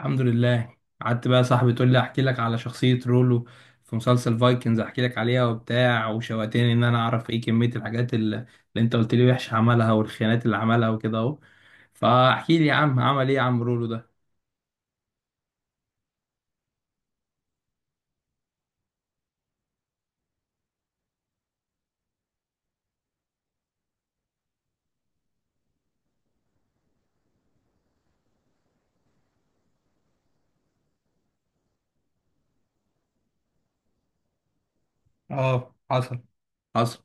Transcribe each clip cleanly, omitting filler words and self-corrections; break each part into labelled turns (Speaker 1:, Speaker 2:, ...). Speaker 1: الحمد لله، قعدت بقى يا صاحبي تقول لي احكي لك على شخصية رولو في مسلسل فايكنز، احكي لك عليها وبتاع وشوقتني ان انا اعرف ايه كمية الحاجات اللي انت قلت لي وحش عملها والخيانات اللي عملها وكده اهو. فاحكي لي يا عم، عمل ايه يا عم رولو ده؟ اه، حصل حصل.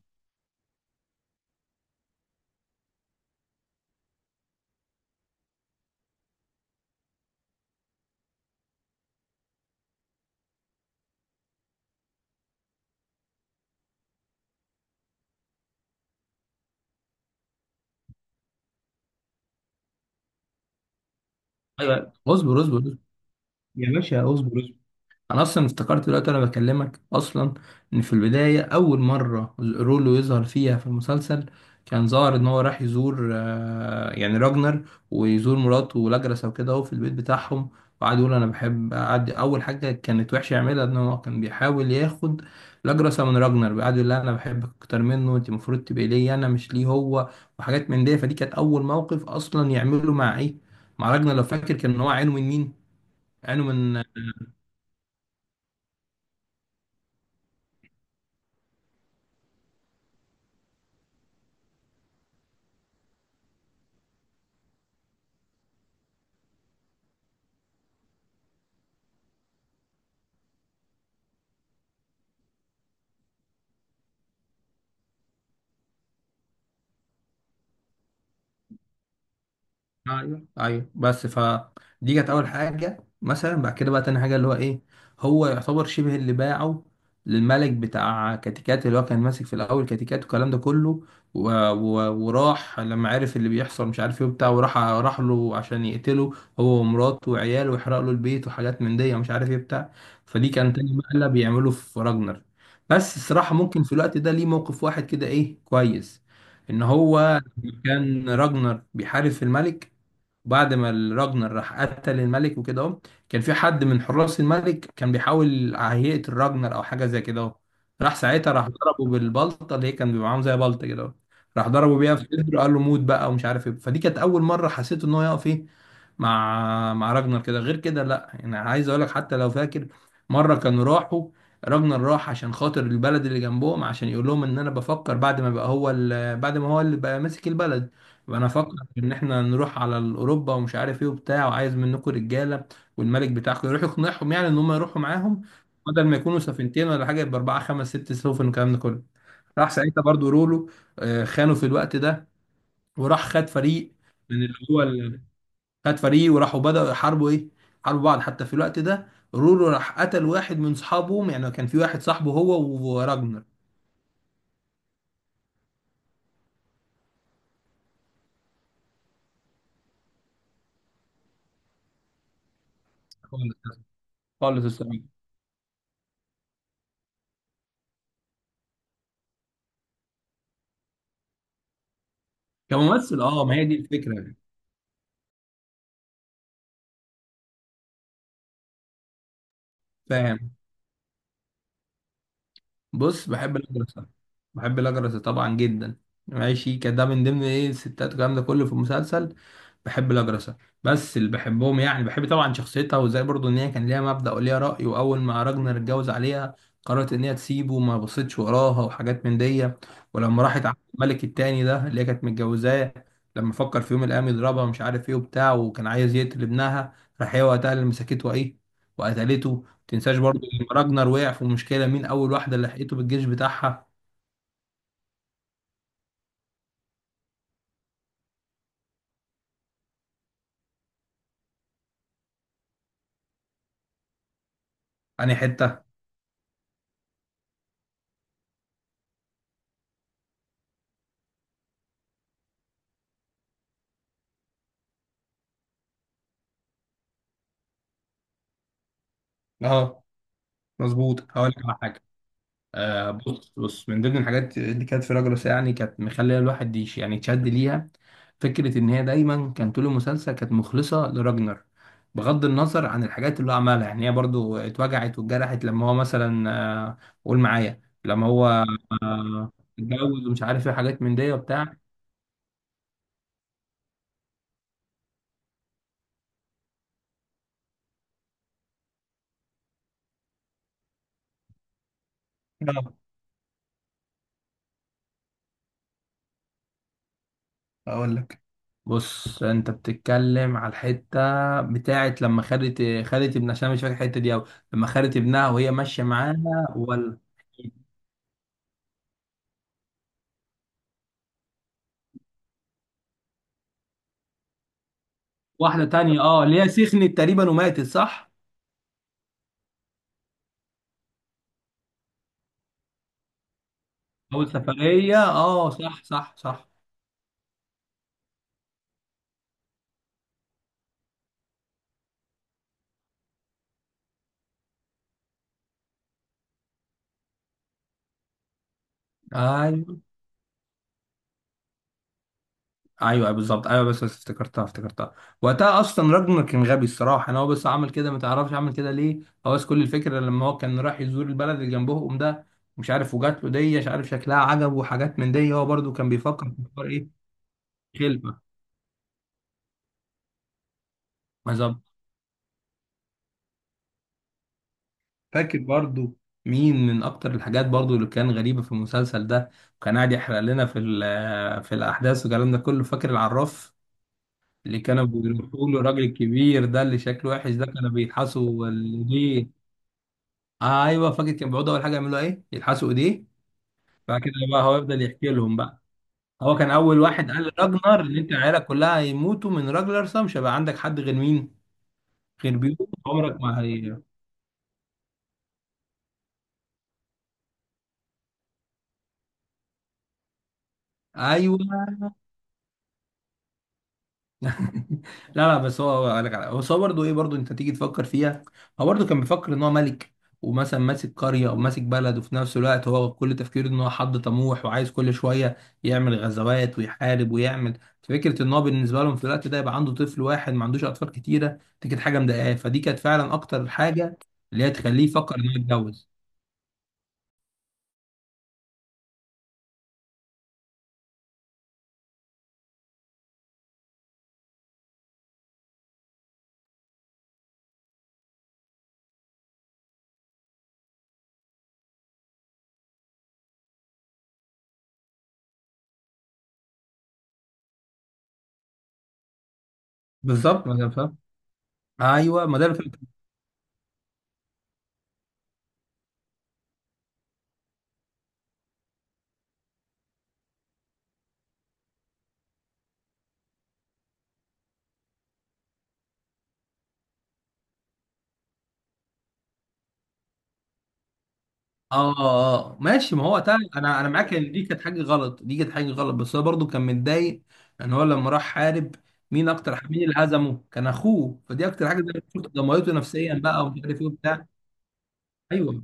Speaker 1: أيوة، اصبر اصبر اصبر. يا باشا اصبر. انا اصلا افتكرت دلوقتي انا بكلمك اصلا ان في البدايه اول مره رولو يظهر فيها في المسلسل كان ظاهر ان هو راح يزور يعني راجنر ويزور مراته ولاجرسا وكده اهو في البيت بتاعهم، وقعد يقول انا بحب، قعد اول حاجه كانت وحشه يعملها ان هو كان بيحاول ياخد لاجرسا من راجنر، قعد يقول لها انا بحبك اكتر منه، انت المفروض تبقي ليا انا مش ليه هو، وحاجات من دي. فدي كانت اول موقف اصلا يعمله مع ايه، مع راجنر. لو فاكر كان هو عينه من مين؟ عينه من ايوه ايوه. بس دي كانت اول حاجه، مثلا بعد كده بقى تاني حاجه اللي هو ايه، هو يعتبر شبه اللي باعه للملك بتاع كاتيكات، اللي هو كان ماسك في الاول كاتيكات والكلام ده كله، و... وراح لما عرف اللي بيحصل مش عارف ايه وبتاع، وراح راح له عشان يقتله هو ومراته وعياله ويحرق له البيت وحاجات من دي ومش عارف ايه بتاع. فدي كان تاني مقلب بيعمله في راجنر. بس الصراحه ممكن في الوقت ده ليه موقف واحد كده ايه كويس، ان هو كان راجنر بيحارب في الملك بعد ما الراجنر راح قتل الملك وكده اهو، كان في حد من حراس الملك كان بيحاول هيئة الراجنر او حاجه زي كده اهو، راح ساعتها راح ضربه بالبلطه اللي هي كان بيبقى معاهم زي بلطه كده اهو، راح ضربه بيها في صدره قال له موت بقى ومش عارف ايه. فدي كانت اول مره حسيت ان هو يقف ايه مع راجنر كده، غير كده لا. يعني عايز اقول لك، حتى لو فاكر مره كانوا راحوا راجنر راح عشان خاطر البلد اللي جنبهم عشان يقول لهم ان انا بفكر بعد ما بقى هو بعد ما هو اللي بقى ماسك البلد وانا افكر ان احنا نروح على اوروبا ومش عارف ايه وبتاع، وعايز منكم رجاله والملك بتاعكم يروح يقنعهم يعني ان هم يروحوا معاهم بدل ما يكونوا سفينتين ولا حاجه يبقى اربعه خمس ست سفن والكلام ده كله. راح ساعتها برضو رولو خانه في الوقت ده وراح خد فريق من اللي هو خد فريق وراحوا بدأوا يحاربوا ايه، حاربوا بعض. حتى في الوقت ده رورو راح قتل واحد من صحابهم، يعني كان في واحد صاحبه هو وراجنر. خالص. خالص الصراحه. كممثل اه، ما هي دي الفكره يعني. فاهم. بص بحب الاجرس، بحب الاجرس طبعا جدا، ماشي كده من ضمن ايه الستات والكلام ده كله في المسلسل، بحب الاجرسة. بس اللي بحبهم يعني بحب طبعا شخصيتها وازاي برضو ان هي كان ليها مبدأ وليها رأي، واول ما راجنر اتجوز عليها قررت ان هي تسيبه وما بصيتش وراها وحاجات من دي. ولما راحت على الملك التاني ده اللي هي كانت متجوزاه لما فكر في يوم من الايام يضربها مش عارف ايه وبتاع وكان عايز يقتل ابنها، راح هي وقتها اللي مسكته ايه وقتلته. تنساش برضو لما راجنر وقع في مشكلة مين أول واحدة اللي لحقته بالجيش بتاعها. أنهي حتة؟ أه مظبوط، هقول لك على حاجة. آه بص بص من ضمن الحاجات اللي كانت في راجلوس يعني كانت مخليه الواحد يش يعني يتشد ليها، فكرة إن هي دايما كان طول المسلسل كانت مخلصة لراجنر بغض النظر عن الحاجات اللي هو عملها. يعني هي برضو اتوجعت واتجرحت لما هو مثلا آه قول معايا لما هو آه اتجوز ومش عارف ايه حاجات من دي وبتاع. اقول لك، بص انت بتتكلم على الحته بتاعت لما خدت خدت ابنها، عشان أنا مش فاكر الحته دي قوي. لما خدت ابنها وهي ماشيه معاها ولا واحده تانية اه اللي هي سخنت تقريبا وماتت صح. اول سفريه اه صح صح صح. ايوه ايوه أيوة، بالظبط ايوه. بس افتكرتها افتكرتها وقتها اصلا راجنر كان غبي الصراحه، انا هو بس عمل كده ما تعرفش عمل كده ليه. هو بس كل الفكره لما هو كان راح يزور البلد اللي جنبهم ده، مش عارف وجات له دي مش عارف شكلها عجب وحاجات من دي، هو برضو كان بيفكر في حوار ايه، خلفه. بالظبط. فاكر برضو مين من اكتر الحاجات برضو اللي كان غريبه في المسلسل ده وكان قاعد يحرق لنا في الاحداث والكلام ده كله، فاكر العراف اللي كانوا بيروحوا له الراجل الكبير ده اللي شكله وحش ده كانوا بيلحسوا. ايوه فاكر، كان بيقعدوا اول حاجه يعملوا ايه يلحسوا ايديه، بعد كده بقى هو يفضل يحكي لهم بقى. هو كان اول واحد قال لراجنر ان انت عيالك كلها هيموتوا من راجلر، مش هيبقى عندك حد غير مين غير بيهم عمرك ما هي. ايوه. لا لا بس هو قال لك على هو، بس هو برضه ايه برضه انت تيجي تفكر فيها. هو برضه كان بيفكر ان هو ملك ومثلا ماسك قريه وماسك بلد، وفي نفس الوقت هو كل تفكيره ان هو حد طموح وعايز كل شويه يعمل غزوات ويحارب، ويعمل فكره ان هو بالنسبه لهم في الوقت ده يبقى عنده طفل واحد ما عندوش اطفال كتيره، دي كانت حاجه مضايقاه. فدي كانت فعلا اكتر حاجه اللي هي تخليه يفكر ان هو يتجوز. بالظبط ما ده فاهم. ايوه ما ده اللي اه اه آه. ماشي، ما هو وقتها انا انا معاك ان دي كانت حاجه غلط، دي كانت حاجه غلط بس هو برضه كان متضايق ان هو لما راح حارب مين اكتر، مين اللي هزمه كان اخوه. فدي اكتر حاجه زي ما قلت لك، دمرته نفسيا بقى ومش عارف ايه وبتاع. ايوه.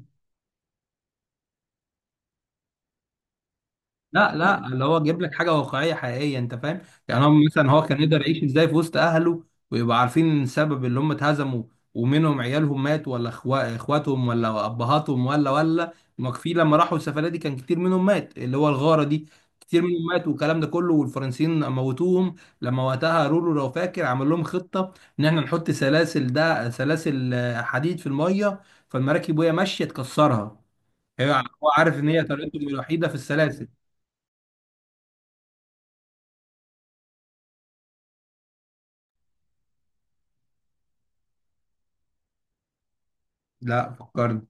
Speaker 1: لا لا، اللي هو جايب لك حاجه واقعيه حقيقيه انت فاهم، يعني هو مثلا هو كان يقدر يعيش ازاي في وسط اهله ويبقى عارفين السبب اللي هم اتهزموا ومنهم عيالهم مات ولا اخواتهم ولا ابهاتهم ولا ما في. لما راحوا السفريه دي كان كتير منهم مات اللي هو الغاره دي، كتير منهم مات والكلام ده كله والفرنسيين موتوهم. لما وقتها رولو لو فاكر عمل لهم خطه ان احنا نحط سلاسل ده سلاسل آه، حديد في الميه فالمراكب وهي ماشيه تكسرها. هو عارف ان هي طريقتهم الوحيده في السلاسل. لا فكرني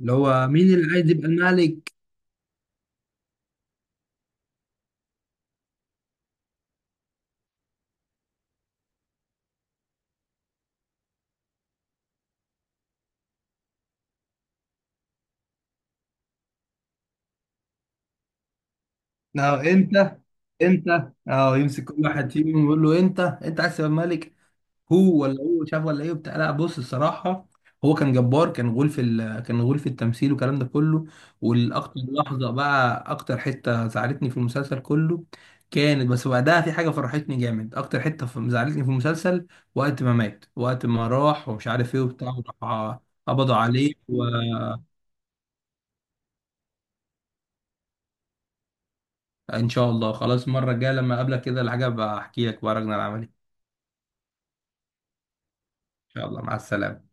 Speaker 1: اللي هو مين اللي عايز يبقى الملك. اه انت اه يمسك كل واحد فيهم ويقول له انت انت عايز تبقى الملك. هو ولا هو شاف ولا ايه بتاع، لا بص الصراحه هو كان جبار، كان غول في التمثيل والكلام ده كله. والاكتر لحظه بقى، اكتر حته زعلتني في المسلسل كله كانت، بس بعدها في حاجه فرحتني جامد، اكتر حته زعلتني في المسلسل وقت ما مات، وقت ما راح ومش عارف ايه وبتاع. وراح قبضوا عليه. ان شاء الله خلاص المره الجايه لما اقابلك كده الحاجه بحكي لك بقى رجل العملي. ان شاء الله مع السلامه.